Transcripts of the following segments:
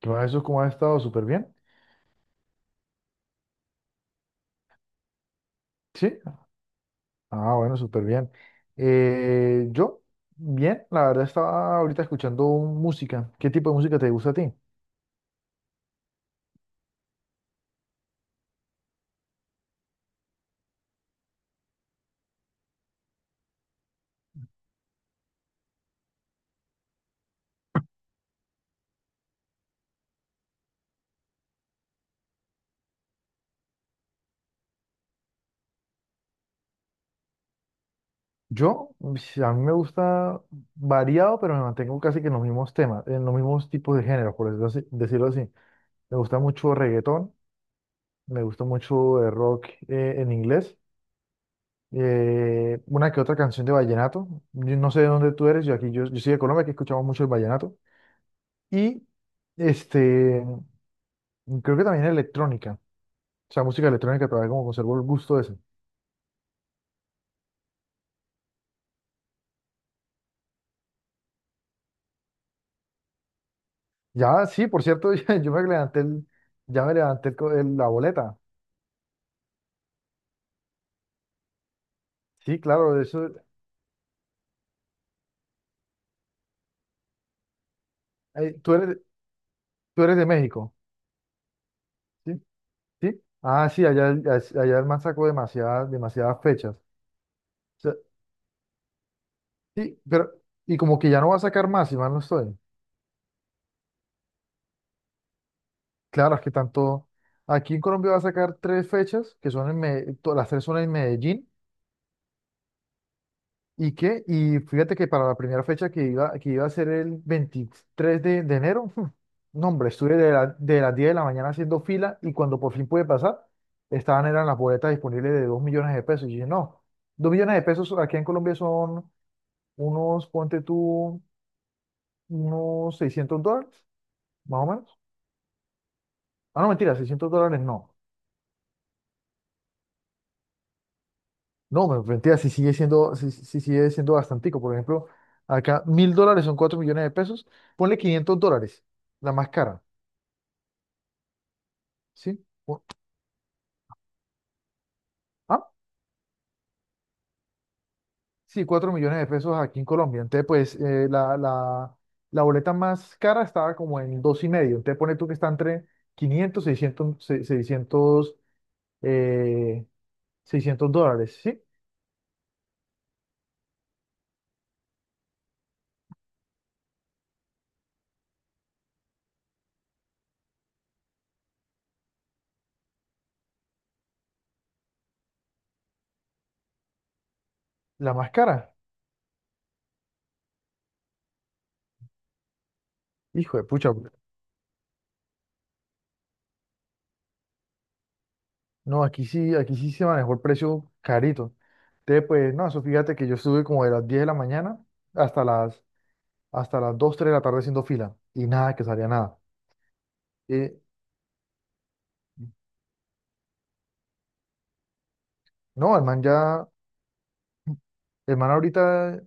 Todo eso como ha estado súper bien. Sí, ah, bueno, súper bien. Eh, yo, bien, la verdad estaba ahorita escuchando música. ¿Qué tipo de música te gusta a ti? Yo, pues, a mí me gusta variado, pero me mantengo casi que en los mismos temas, en los mismos tipos de géneros, por decirlo así. Me gusta mucho reggaetón, me gusta mucho rock en inglés, una que otra canción de vallenato. Yo no sé de dónde tú eres, yo aquí, yo soy de Colombia, que escuchamos mucho el vallenato. Y este. Creo que también electrónica. O sea, música electrónica todavía como conservo el gusto ese. Ya, sí, por cierto, yo me levanté el- ya me levanté la boleta. Sí, claro, eso. eh, tú eres, tú eres de México, ¿sí? ¿Sí? Ah, sí, allá, allá el man sacó demasiadas, demasiadas fechas. O sea, sí, pero, y como que ya no va a sacar más, si mal no estoy. Claro, es que tanto. Aquí en Colombia va a sacar tres fechas, que son en las tres son en Medellín. ¿Y qué? Y fíjate que para la primera fecha que iba a ser el 23 de enero, no, hombre, estuve de las 10 de la mañana haciendo fila y cuando por fin pude pasar, estaban eran las boletas disponibles de 2 millones de pesos. Y dije, no, 2 millones de pesos aquí en Colombia son unos, ponte tú, unos 600 dólares, más o menos. Ah, no, mentira, 600 dólares no. No, mentira, si sí sigue siendo bastantico. Por ejemplo, acá 1.000 dólares son 4 millones de pesos, ponle 500 dólares, la más cara. Sí. Ah, sí, 4 millones de pesos aquí en Colombia. Entonces, pues la boleta más cara estaba como en dos y medio. Entonces, pone tú que está entre 500 600 600 eh, 600 dólares, ¿sí? La más cara. Hijo de pucha. Bro. No, aquí sí se manejó el precio carito. Entonces, pues, no, eso fíjate que yo estuve como de las 10 de la mañana hasta las, hasta las 2 3 de la tarde haciendo fila. Y nada, que salía nada. Eh, no, el man ya. El man ahorita,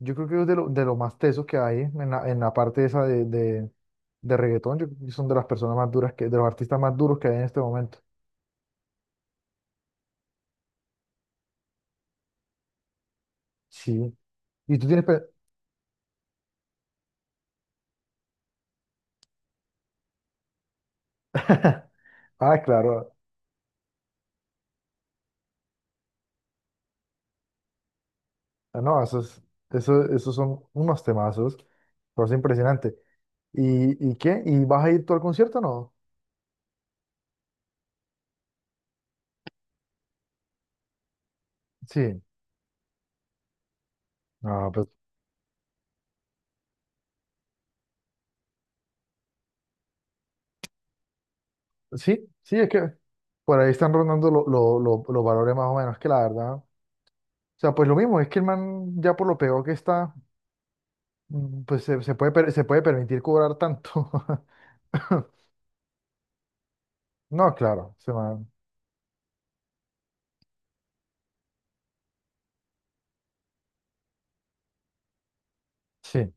yo creo que es de lo más tesos que hay en la parte esa de reggaetón. Yo creo que son de las personas más duras, que, de los artistas más duros que hay en este momento. Sí. Y tú tienes, ah, claro. Ah, no, esos son unos temazos. Cosa impresionante. ¿Y qué? ¿Y vas a ir tú al concierto o no? Sí. No, pues sí, sí, es que por ahí están rondando los valores más o menos, que la verdad. O sea, pues lo mismo, es que el man ya por lo peor que está. Pues se puede permitir cobrar tanto. No, claro, Sí.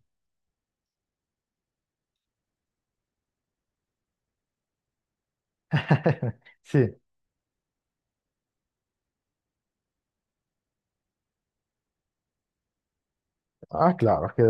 Sí. Ah, claro, es que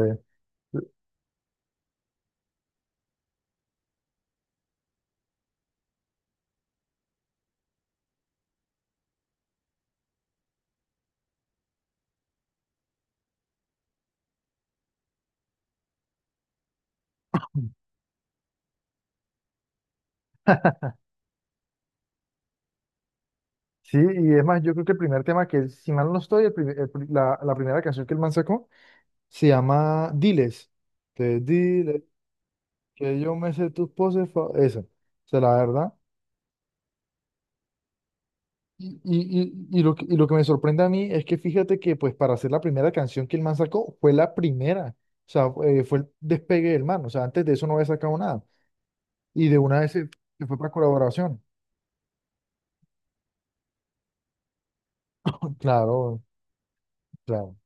sí, y es más, yo creo que el primer tema que, si mal no estoy, el primer- el pri- la primera canción que el man sacó se llama Diles. Te dile que yo me sé tus poses, esa. O sea, la verdad. Y lo que me sorprende a mí es que fíjate que, pues, para hacer la primera canción que el man sacó, fue la primera. O sea, fue el despegue del man. O sea, antes de eso no había sacado nada. Y de una vez se fue para colaboración. Claro, claro.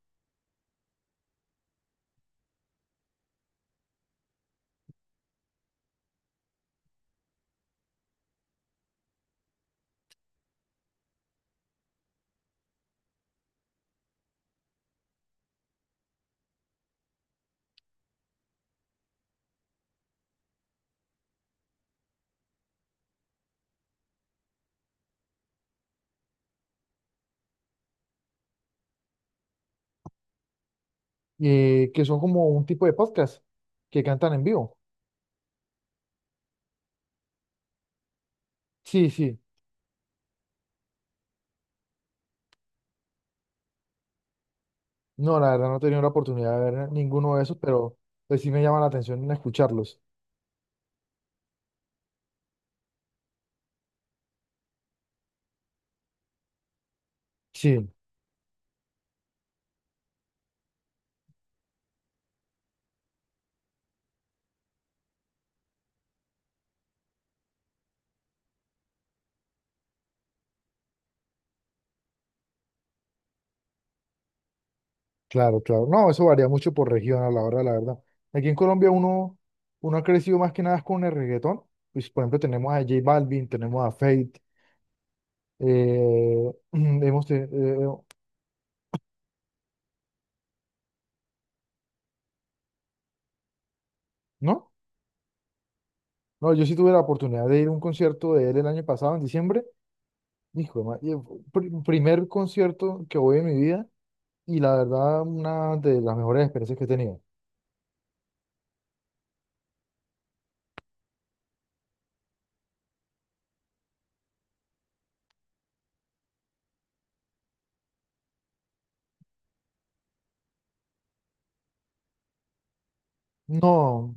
Que son como un tipo de podcast que cantan en vivo. Sí, sí. No, la verdad no he tenido la oportunidad de ver ninguno de esos, pero pues sí me llama la atención en escucharlos. Sí, claro, claro. No, eso varía mucho por región a la hora, la verdad. Aquí en Colombia uno ha crecido más que nada con el reggaetón. Pues, por ejemplo, tenemos a J Balvin, tenemos a Feid, eh, hemos, te- eh, ¿no? No, yo sí tuve la oportunidad de ir a un concierto de él el año pasado, en diciembre, Hijo de ma- y pr- primer concierto que voy en mi vida y la verdad una de las mejores experiencias que he tenido. No,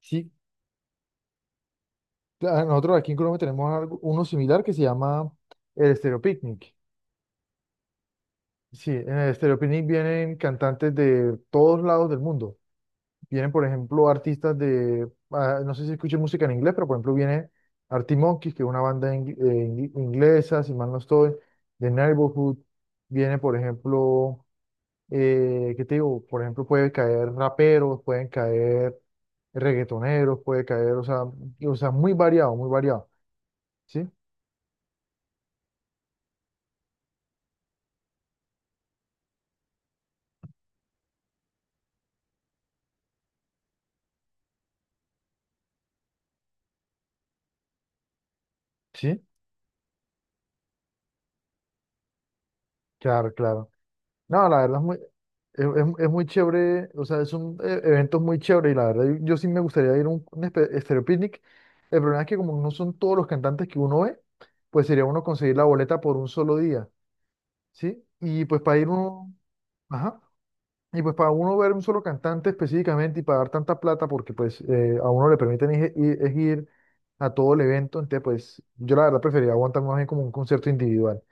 sí, nosotros aquí en Colombia tenemos uno similar que se llama el Stereo Picnic. Sí, en el Stereo Picnic vienen cantantes de todos lados del mundo. Vienen, por ejemplo, artistas de, no sé si escuchan música en inglés, pero por ejemplo viene Arctic Monkeys, que es una banda inglesa, si mal no estoy, de Neighborhood. Viene, por ejemplo, ¿qué te digo? Por ejemplo, puede caer raperos, pueden caer reggaetoneros, puede caer, o sea, o sea, muy variado, ¿sí? ¿Sí? Claro, claro. No, la verdad es muy chévere, o sea, son evento muy chévere y la verdad yo sí me gustaría ir a Estéreo Picnic. El problema es que como no son todos los cantantes que uno ve, pues sería uno conseguir la boleta por un solo día, ¿sí? Y pues para ir uno, ajá. Y pues para uno ver un solo cantante específicamente y pagar tanta plata, porque pues a uno le permiten ir, ir- es ir a todo el evento, entonces pues yo la verdad preferiría aguantar más bien como un concierto individual.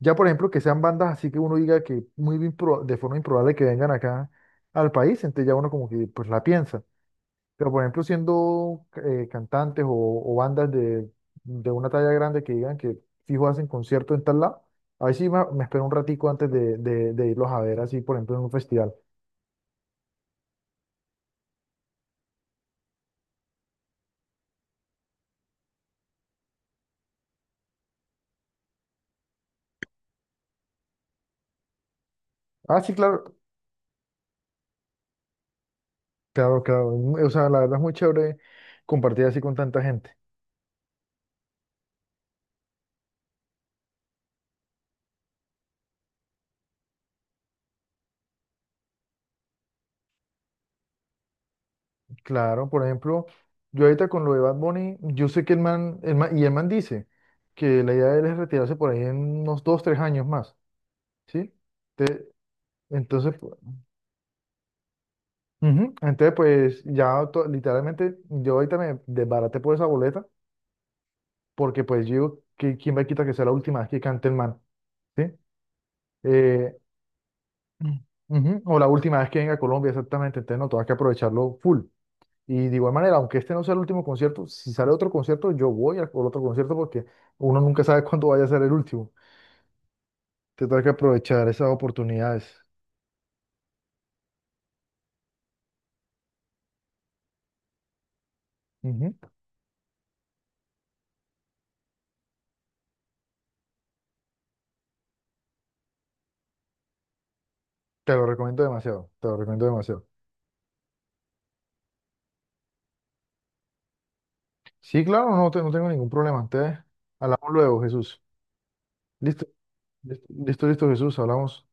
Ya por ejemplo que sean bandas así que uno diga que de forma improbable que vengan acá al país, entonces ya uno como que pues la piensa. Pero por ejemplo siendo cantantes o bandas de una talla grande que digan que fijo hacen concierto en tal lado, ahí sí me espero un ratico antes de irlos a ver así por ejemplo en un festival. Ah, sí, claro, claro, claro. O sea, la verdad es muy chévere compartir así con tanta gente. Claro, por ejemplo, yo ahorita con lo de Bad Bunny, yo sé que el man dice que la idea de él es retirarse por ahí en unos dos, tres años más, ¿sí? Te- Entonces, ujú, Entonces, pues ya literalmente yo ahorita me desbaraté por esa boleta, porque pues yo digo, que quién me quita que sea la última vez que cante el man, ¿sí? Eh, Ujú. O la última vez que venga a Colombia, exactamente. Entonces, no, tengo que aprovecharlo full. Y de igual manera, aunque este no sea el último concierto, si sale otro concierto, yo voy al por otro concierto porque uno nunca sabe cuándo vaya a ser el último. Te tengo que aprovechar esas oportunidades. Ujú. Te lo recomiendo demasiado, te lo recomiendo demasiado. Sí, claro, no, no tengo ningún problema. Te hablamos luego, Jesús. Listo, listo, listo, listo, Jesús, hablamos.